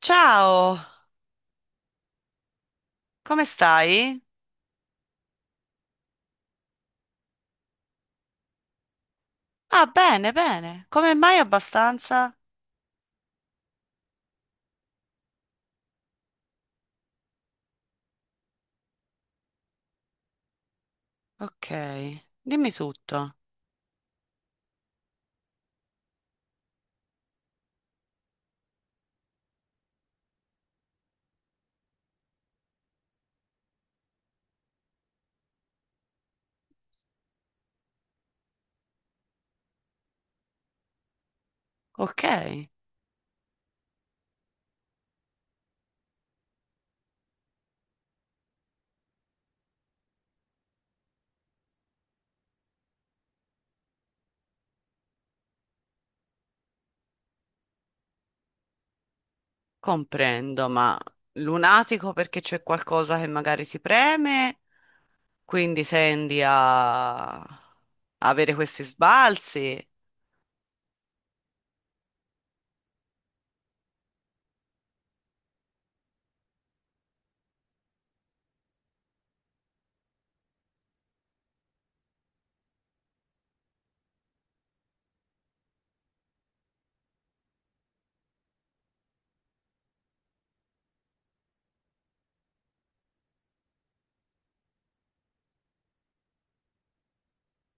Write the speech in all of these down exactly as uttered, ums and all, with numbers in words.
Ciao, come stai? Ah, bene, bene. Come mai abbastanza? Ok, dimmi tutto. Ok, comprendo, ma lunatico perché c'è qualcosa che magari si preme, quindi tendi a avere questi sbalzi.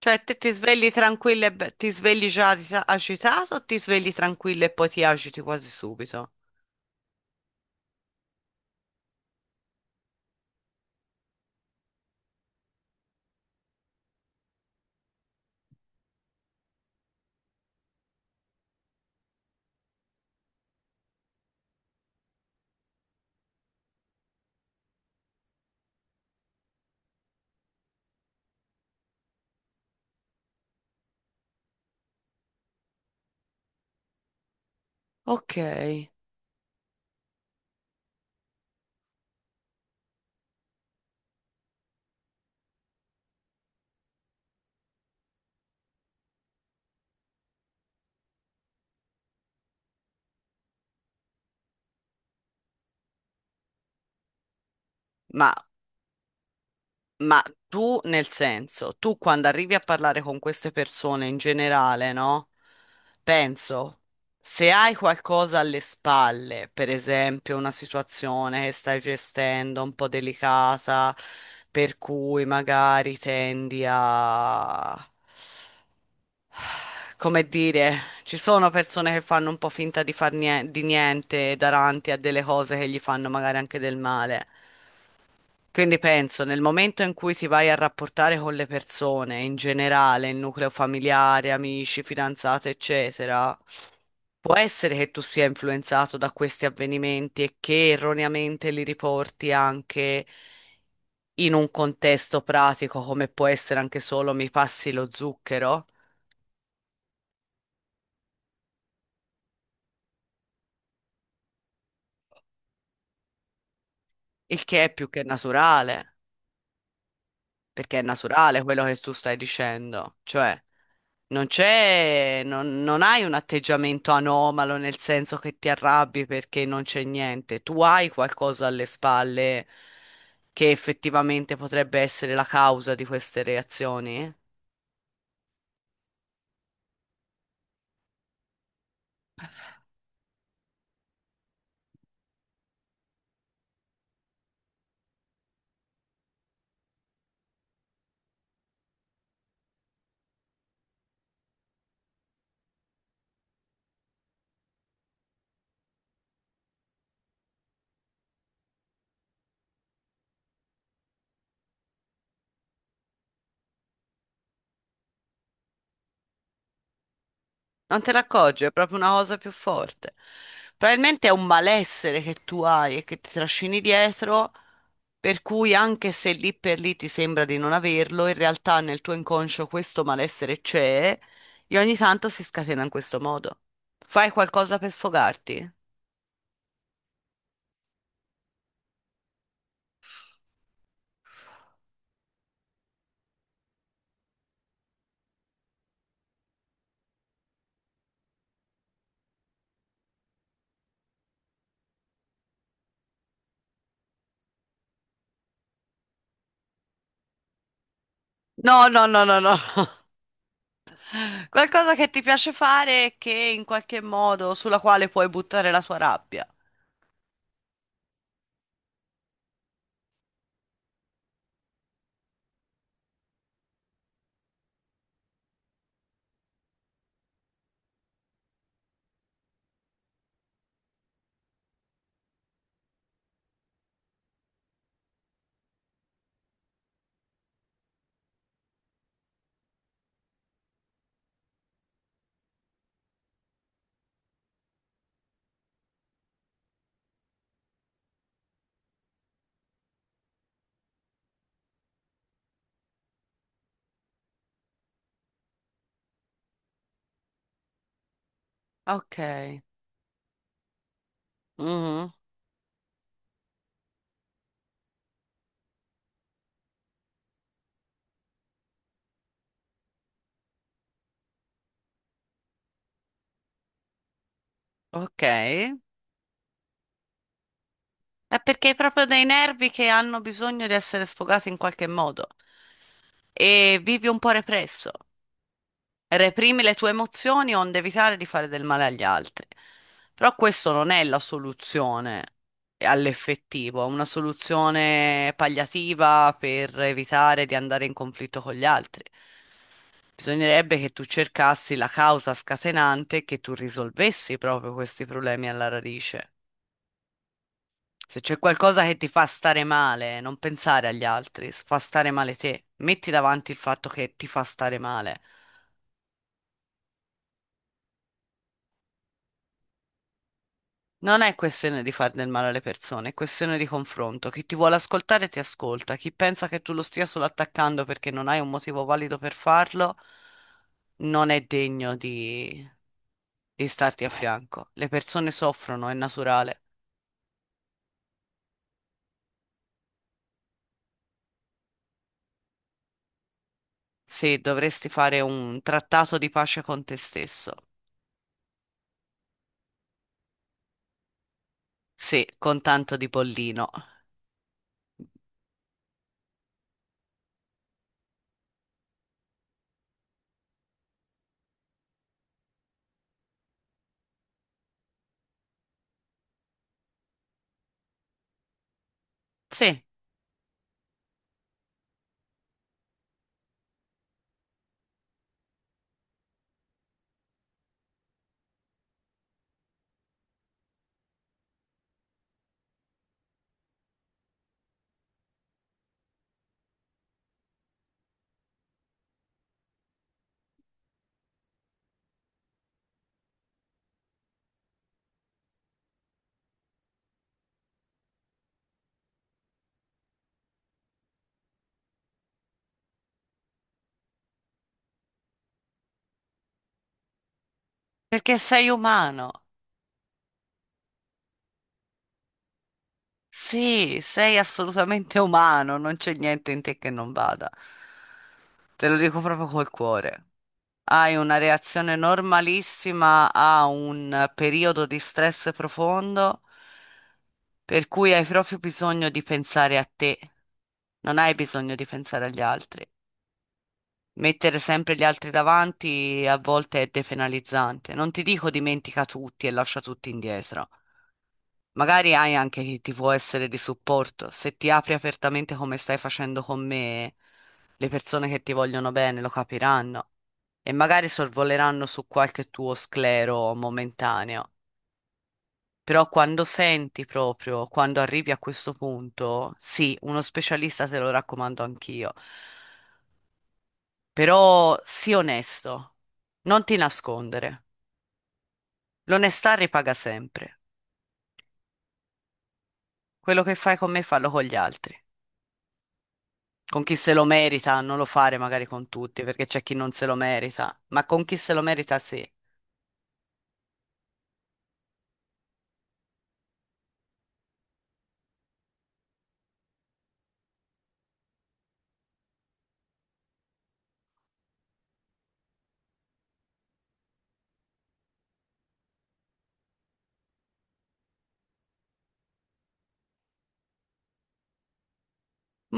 Cioè, te ti svegli tranquillo e be- ti svegli già agita- agitato o ti svegli tranquillo e poi ti agiti quasi subito? Ok, ma Ma tu, nel senso, tu quando arrivi a parlare con queste persone in generale, no? Penso, se hai qualcosa alle spalle, per esempio una situazione che stai gestendo un po' delicata, per cui magari tendi a... Come dire, ci sono persone che fanno un po' finta di far nie- di niente davanti a delle cose che gli fanno magari anche del male. Quindi penso, nel momento in cui ti vai a rapportare con le persone, in generale, il nucleo familiare, amici, fidanzate, eccetera, può essere che tu sia influenzato da questi avvenimenti e che erroneamente li riporti anche in un contesto pratico, come può essere anche solo mi passi lo zucchero, il che è più che naturale. Perché è naturale quello che tu stai dicendo, cioè non c'è, non, non hai un atteggiamento anomalo nel senso che ti arrabbi perché non c'è niente, tu hai qualcosa alle spalle che effettivamente potrebbe essere la causa di queste reazioni. Non te ne accorgi, è proprio una cosa più forte. Probabilmente è un malessere che tu hai e che ti trascini dietro, per cui anche se lì per lì ti sembra di non averlo, in realtà nel tuo inconscio questo malessere c'è e ogni tanto si scatena in questo modo. Fai qualcosa per sfogarti? No, no, no, no, no. No. Qualcosa che ti piace fare e che in qualche modo sulla quale puoi buttare la tua rabbia. Ok. Mhm. Ok. È perché hai proprio dei nervi che hanno bisogno di essere sfogati in qualche modo e vivi un po' represso. Reprimi le tue emozioni onde evitare di fare del male agli altri. Però questo non è la soluzione, eh, all'effettivo, è una soluzione palliativa per evitare di andare in conflitto con gli altri. Bisognerebbe che tu cercassi la causa scatenante e che tu risolvessi proprio questi problemi alla radice. Se c'è qualcosa che ti fa stare male, non pensare agli altri, fa stare male te. Metti davanti il fatto che ti fa stare male. Non è questione di far del male alle persone, è questione di confronto. Chi ti vuole ascoltare ti ascolta, chi pensa che tu lo stia solo attaccando perché non hai un motivo valido per farlo, non è degno di, di starti a fianco. Le persone soffrono, è naturale. Sì, dovresti fare un trattato di pace con te stesso. Sì, con tanto di pollino. Sì, perché sei umano. Sì, sei assolutamente umano, non c'è niente in te che non vada. Te lo dico proprio col cuore. Hai una reazione normalissima a un periodo di stress profondo, per cui hai proprio bisogno di pensare a te, non hai bisogno di pensare agli altri. Mettere sempre gli altri davanti a volte è depenalizzante. Non ti dico dimentica tutti e lascia tutti indietro. Magari hai anche chi ti può essere di supporto. Se ti apri apertamente come stai facendo con me, le persone che ti vogliono bene lo capiranno e magari sorvoleranno su qualche tuo sclero momentaneo. Però quando senti proprio, quando arrivi a questo punto, sì, uno specialista te lo raccomando anch'io. Però sii onesto, non ti nascondere. L'onestà ripaga sempre. Quello che fai con me, fallo con gli altri. Con chi se lo merita, non lo fare magari con tutti, perché c'è chi non se lo merita, ma con chi se lo merita sì.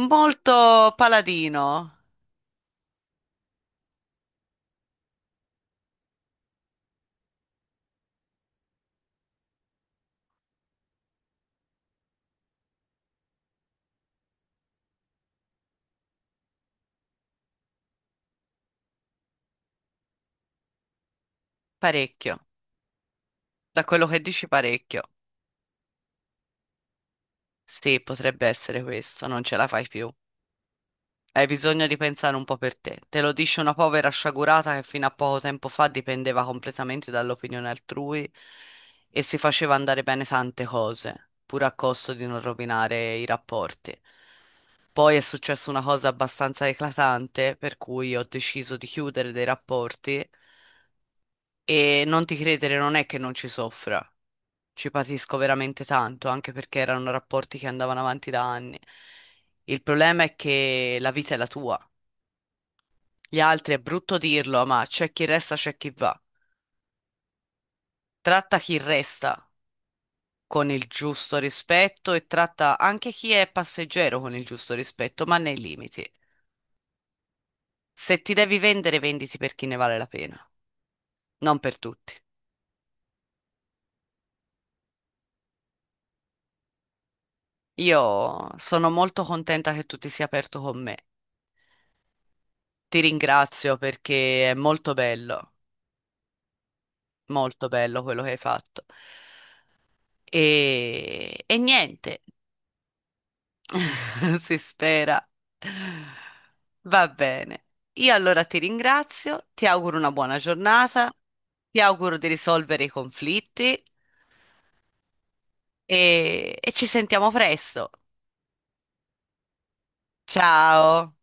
Molto paladino, parecchio. Da quello che dici parecchio. Sì, potrebbe essere questo, non ce la fai più. Hai bisogno di pensare un po' per te. Te lo dice una povera sciagurata che fino a poco tempo fa dipendeva completamente dall'opinione altrui e si faceva andare bene tante cose, pur a costo di non rovinare i rapporti. Poi è successa una cosa abbastanza eclatante, per cui ho deciso di chiudere dei rapporti e non ti credere non è che non ci soffra, ci patisco veramente tanto, anche perché erano rapporti che andavano avanti da anni. Il problema è che la vita è la tua. Gli altri, è brutto dirlo, ma c'è chi resta, c'è chi va. Tratta chi resta con il giusto rispetto e tratta anche chi è passeggero con il giusto rispetto, ma nei limiti. Se ti devi vendere, venditi per chi ne vale la pena, non per tutti. Io sono molto contenta che tu ti sia aperto con me. Ti ringrazio perché è molto bello, molto bello quello che hai fatto. E, e niente. Si spera. Va bene. Io allora ti ringrazio, ti auguro una buona giornata, ti auguro di risolvere i conflitti e, e ci sentiamo presto. Ciao.